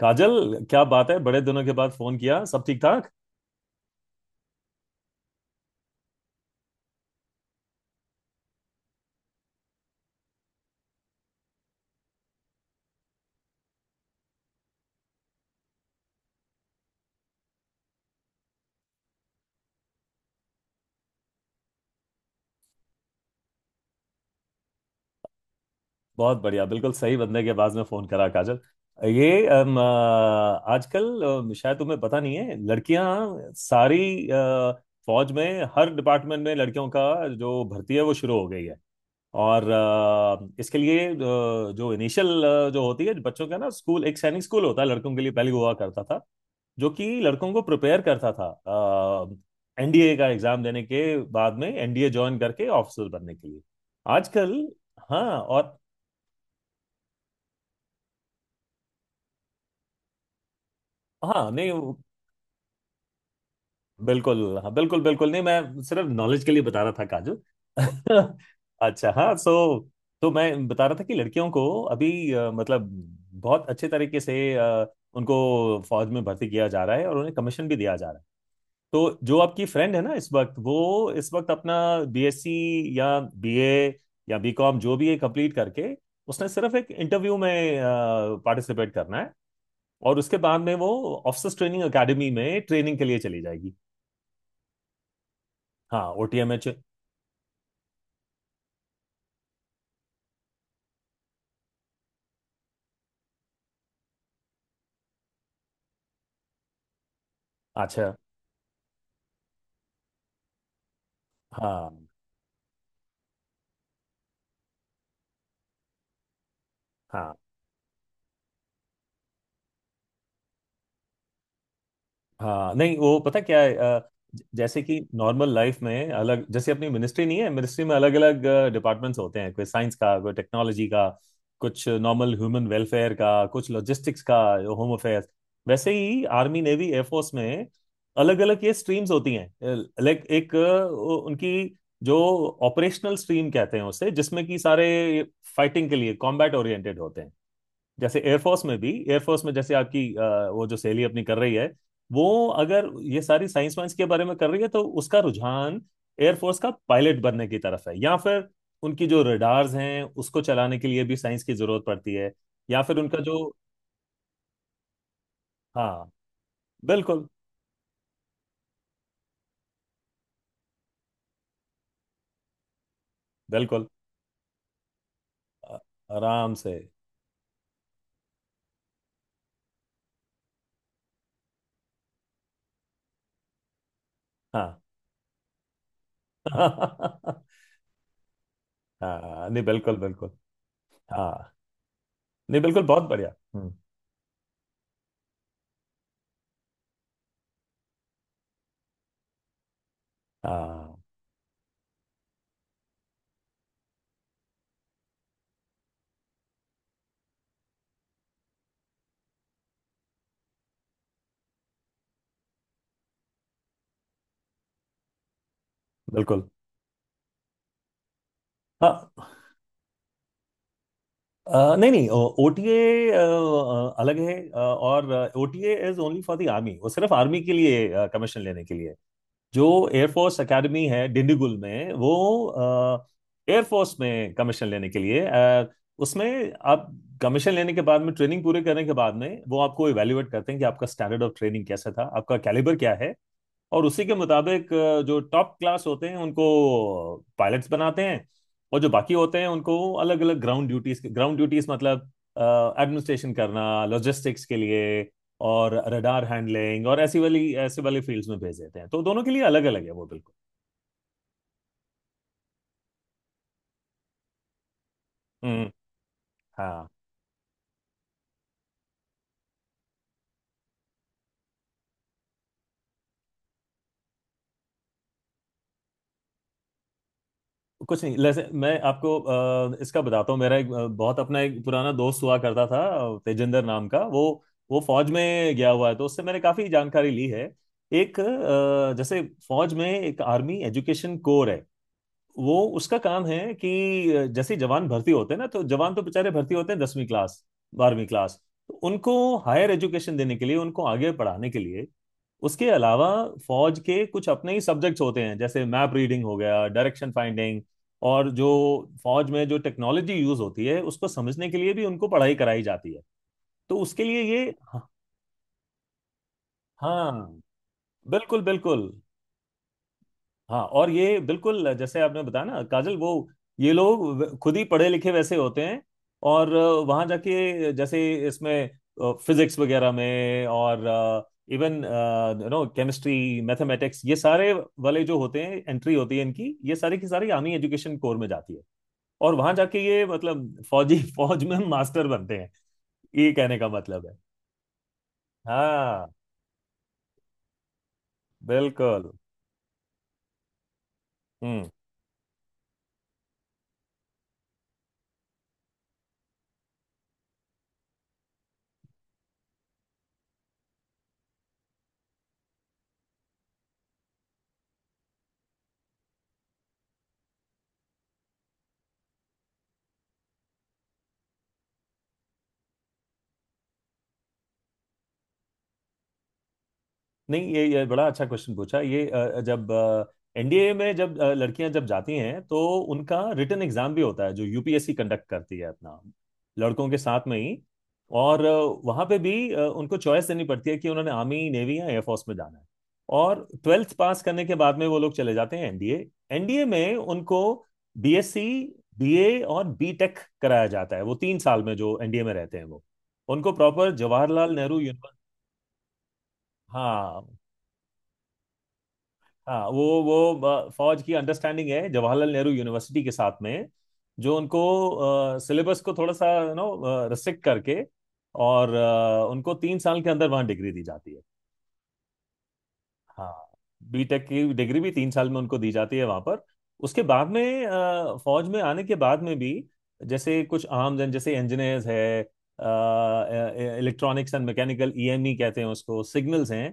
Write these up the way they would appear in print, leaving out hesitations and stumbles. काजल क्या बात है बड़े दिनों के बाद फोन किया सब ठीक ठाक। बहुत बढ़िया बिल्कुल सही बंदे के आवाज में फोन करा काजल। ये आजकल शायद तुम्हें पता नहीं है लड़कियां सारी अ, फौज में हर डिपार्टमेंट में लड़कियों का जो भर्ती है वो शुरू हो गई है। और इसके लिए जो इनिशियल जो होती है बच्चों का ना स्कूल एक सैनिक स्कूल होता है लड़कों के लिए पहले हुआ करता था, जो कि लड़कों को प्रिपेयर करता था एनडीए का एग्जाम देने के, बाद में एनडीए ज्वाइन करके ऑफिसर बनने के लिए आजकल। हाँ और। हाँ नहीं, बिल्कुल हाँ, बिल्कुल बिल्कुल नहीं, मैं सिर्फ नॉलेज के लिए बता रहा था काजू। अच्छा हाँ। सो, तो मैं बता रहा था कि लड़कियों को अभी मतलब बहुत अच्छे तरीके से उनको फौज में भर्ती किया जा रहा है और उन्हें कमीशन भी दिया जा रहा है। तो जो आपकी फ्रेंड है ना, इस वक्त वो इस वक्त अपना बीएससी या बीए या बीकॉम जो भी है कंप्लीट करके, उसने सिर्फ एक इंटरव्यू में पार्टिसिपेट करना है और उसके बाद में वो ऑफिसर्स ट्रेनिंग एकेडमी में ट्रेनिंग के लिए चली जाएगी। हाँ, ओ टी एम एच। अच्छा, हाँ, हाँ। हाँ नहीं, वो पता क्या है, जैसे कि नॉर्मल लाइफ में अलग, जैसे अपनी मिनिस्ट्री नहीं है, मिनिस्ट्री में अलग अलग डिपार्टमेंट्स होते हैं, कोई साइंस का, कोई टेक्नोलॉजी का, कुछ नॉर्मल ह्यूमन वेलफेयर का, कुछ लॉजिस्टिक्स का, होम अफेयर्स। वैसे ही आर्मी नेवी एयरफोर्स में अलग अलग ये स्ट्रीम्स होती हैं। लाइक एक उनकी जो ऑपरेशनल स्ट्रीम कहते हैं उसे, जिसमें कि सारे फाइटिंग के लिए कॉम्बैट ओरिएंटेड होते हैं। जैसे एयरफोर्स में भी, एयरफोर्स में जैसे आपकी वो जो सहेली अपनी कर रही है, वो अगर ये सारी साइंस वाइंस के बारे में कर रही है तो उसका रुझान एयरफोर्स का पायलट बनने की तरफ है, या फिर उनकी जो रडार्स हैं उसको चलाने के लिए भी साइंस की जरूरत पड़ती है, या फिर उनका जो। हाँ बिल्कुल। बिल्कुल अ- आराम से। हाँ। हाँ, नहीं, बिल्कुल बिल्कुल। हाँ नहीं, बिल्कुल बहुत बढ़िया। हाँ बिल्कुल। हाँ नहीं नहीं। ओटीए अलग है और OTA is only for the army, वो सिर्फ आर्मी के लिए कमीशन लेने के लिए। जो एयरफोर्स एकेडमी है डिंडीगुल में, वो एयरफोर्स में कमीशन लेने के लिए उसमें आप कमीशन लेने के बाद में ट्रेनिंग पूरे करने के बाद में वो आपको इवेल्युएट करते हैं कि आपका स्टैंडर्ड ऑफ ट्रेनिंग कैसा था, आपका कैलिबर क्या है। और उसी के मुताबिक जो टॉप क्लास होते हैं उनको पायलट्स बनाते हैं, और जो बाकी होते हैं उनको अलग अलग ग्राउंड ड्यूटीज, ग्राउंड ड्यूटीज मतलब एडमिनिस्ट्रेशन करना, लॉजिस्टिक्स के लिए और रडार हैंडलिंग और ऐसी वाली ऐसे वाली फील्ड्स में भेज देते हैं। तो दोनों के लिए अलग अलग है वो, बिल्कुल। हम्म। हाँ, कुछ नहीं, जैसे मैं आपको इसका बताता हूँ। मेरा एक बहुत अपना एक पुराना दोस्त हुआ करता था तेजिंदर नाम का, वो फौज में गया हुआ है तो उससे मैंने काफी जानकारी ली है। एक जैसे फौज में एक आर्मी एजुकेशन कोर है, वो उसका काम है कि जैसे ही जवान भर्ती होते हैं ना, तो जवान तो बेचारे भर्ती होते हैं 10वीं क्लास, 12वीं क्लास, तो उनको हायर एजुकेशन देने के लिए, उनको आगे पढ़ाने के लिए। उसके अलावा फौज के कुछ अपने ही सब्जेक्ट्स होते हैं, जैसे मैप रीडिंग हो गया, डायरेक्शन फाइंडिंग, और जो फौज में जो टेक्नोलॉजी यूज होती है उसको समझने के लिए भी उनको पढ़ाई कराई जाती है। तो उसके लिए ये। हाँ बिल्कुल बिल्कुल। हाँ, और ये बिल्कुल जैसे आपने बताया ना काजल, वो ये लोग खुद ही पढ़े लिखे वैसे होते हैं, और वहां जाके जैसे इसमें फिजिक्स वगैरह में और इवन केमिस्ट्री मैथमेटिक्स ये सारे वाले जो होते हैं एंट्री होती है इनकी, ये सारी की सारी आर्मी एजुकेशन कोर में जाती है, और वहां जाके ये मतलब फौजी फौज में मास्टर बनते हैं, ये कहने का मतलब है। हाँ बिल्कुल। हम्म। नहीं ये बड़ा अच्छा क्वेश्चन पूछा। ये जब एनडीए में जब लड़कियां जब जाती हैं तो उनका रिटन एग्जाम भी होता है जो यूपीएससी कंडक्ट करती है, अपना लड़कों के साथ में ही। और वहां पे भी उनको चॉइस देनी पड़ती है कि उन्होंने आर्मी नेवी या एयरफोर्स में जाना है, और ट्वेल्थ पास करने के बाद में वो लोग चले जाते हैं एनडीए। एनडीए में उनको बीएससी, बीए और बीटेक कराया जाता है वो 3 साल में। जो एनडीए में रहते हैं वो उनको प्रॉपर जवाहरलाल नेहरू यूनिवर्सिटी। हाँ। हाँ वो फौज की अंडरस्टैंडिंग है जवाहरलाल नेहरू यूनिवर्सिटी के साथ में, जो उनको सिलेबस को थोड़ा सा रिस्ट्रिक्ट करके और उनको 3 साल के अंदर वहाँ डिग्री दी जाती है। हाँ, बीटेक की डिग्री भी 3 साल में उनको दी जाती है वहां पर। उसके बाद में फौज में आने के बाद में भी जैसे कुछ आम जन, जैसे इंजीनियर्स है, इलेक्ट्रॉनिक्स एंड मैकेनिकल ईएमई कहते हैं उसको, सिग्नल्स हैं,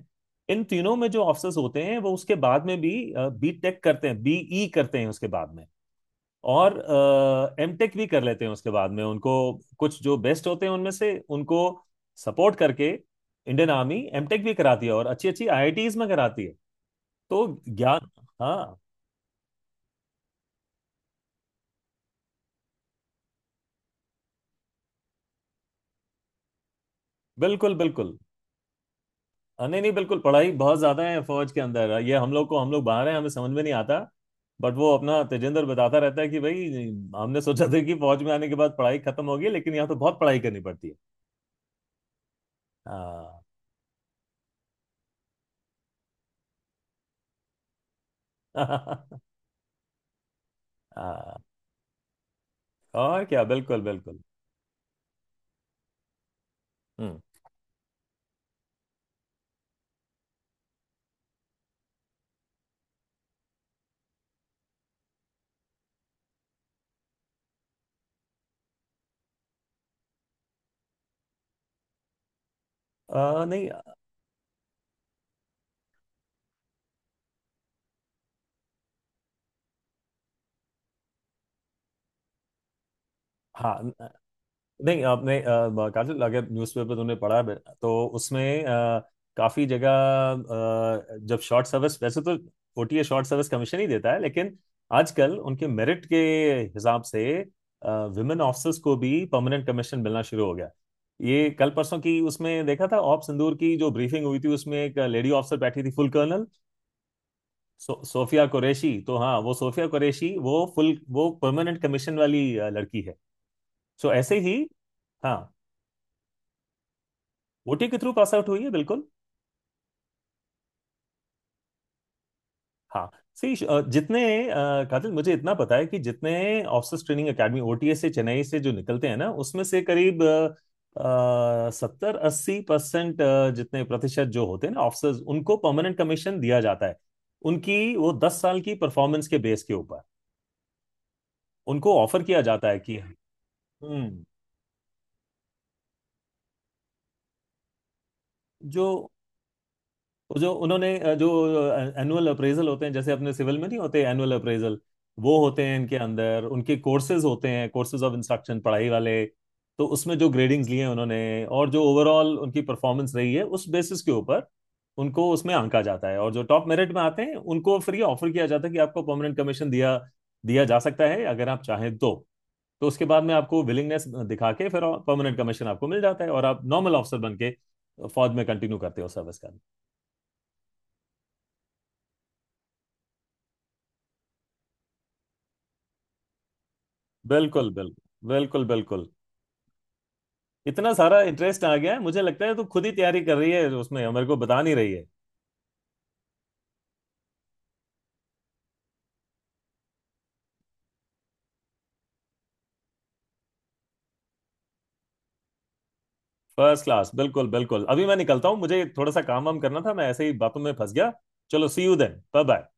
इन तीनों में जो ऑफिसर्स होते हैं वो उसके बाद में भी बीटेक करते हैं, बीई करते हैं उसके बाद में, और एमटेक भी कर लेते हैं। उसके बाद में उनको कुछ जो बेस्ट होते हैं उनमें से उनको सपोर्ट करके इंडियन आर्मी एमटेक भी कराती है, और अच्छी अच्छी आईआईटीज में कराती है। तो ज्ञान। हाँ बिल्कुल बिल्कुल। हाँ, नहीं नहीं बिल्कुल, पढ़ाई बहुत ज्यादा है फौज के अंदर, ये हम लोग को, हम लोग बाहर हैं हमें समझ में नहीं आता, बट वो अपना तेजेंद्र बताता रहता है कि भाई, हमने सोचा था कि फौज में आने के बाद पढ़ाई खत्म होगी, लेकिन यहाँ तो बहुत पढ़ाई करनी पड़ती है। हाँ। हाँ और क्या, बिल्कुल बिल्कुल। हम्म नहीं, हाँ नहीं, आपने कातिल अगर न्यूज़पेपर तुमने पढ़ा है तो उसमें काफी जगह जब शॉर्ट सर्विस, वैसे तो ओटीए शॉर्ट सर्विस कमीशन ही देता है, लेकिन आजकल उनके मेरिट के हिसाब से विमेन ऑफिसर्स को भी परमानेंट कमीशन मिलना शुरू हो गया। ये कल परसों की उसमें देखा था, ऑप सिंदूर की जो ब्रीफिंग हुई थी उसमें एक लेडी ऑफिसर बैठी थी, फुल कर्नल, सोफिया कुरैशी। तो हाँ, वो सोफिया कुरैशी वो फुल वो परमानेंट कमीशन वाली लड़की है। सो ऐसे ही। हाँ, ओटी के थ्रू पास आउट हुई है बिल्कुल। हाँ सही। जितने अ, कातिल मुझे इतना पता है कि जितने ऑफिसर्स ट्रेनिंग एकेडमी ओटीए से, चेन्नई से जो निकलते हैं ना, उसमें से करीब 70-80%, जितने प्रतिशत जो होते हैं ना ऑफिसर्स, उनको परमानेंट कमीशन दिया जाता है, उनकी वो 10 साल की परफॉर्मेंस के बेस के ऊपर उनको ऑफर किया जाता है कि। हम्म जो वो, जो उन्होंने जो एनुअल अप्रेजल होते हैं, जैसे अपने सिविल में नहीं होते एनुअल अप्रेजल, वो होते हैं इनके अंदर, उनके कोर्सेज होते हैं, कोर्सेज ऑफ इंस्ट्रक्शन पढ़ाई वाले, तो उसमें जो ग्रेडिंग्स लिए हैं उन्होंने और जो ओवरऑल उनकी परफॉर्मेंस रही है उस बेसिस के ऊपर उनको उसमें आंका जाता है, और जो टॉप मेरिट में आते हैं उनको फिर ये ऑफर किया जाता है कि आपको परमानेंट कमीशन दिया दिया जा सकता है अगर आप चाहें तो। तो उसके बाद में आपको विलिंगनेस दिखा के फिर परमानेंट कमीशन आपको मिल जाता है और आप नॉर्मल ऑफिसर बन के फौज में कंटिन्यू करते हो सर्विस का। बिल्कुल बिल्कुल, बिल्कुल बिल्कुल। इतना सारा इंटरेस्ट आ गया है, मुझे लगता है तू खुद ही तैयारी कर रही है उसमें, मेरे को बता नहीं रही है। फर्स्ट क्लास, बिल्कुल बिल्कुल। अभी मैं निकलता हूँ, मुझे थोड़ा सा काम वाम करना था, मैं ऐसे ही बातों में फंस गया। चलो, see you then, bye bye.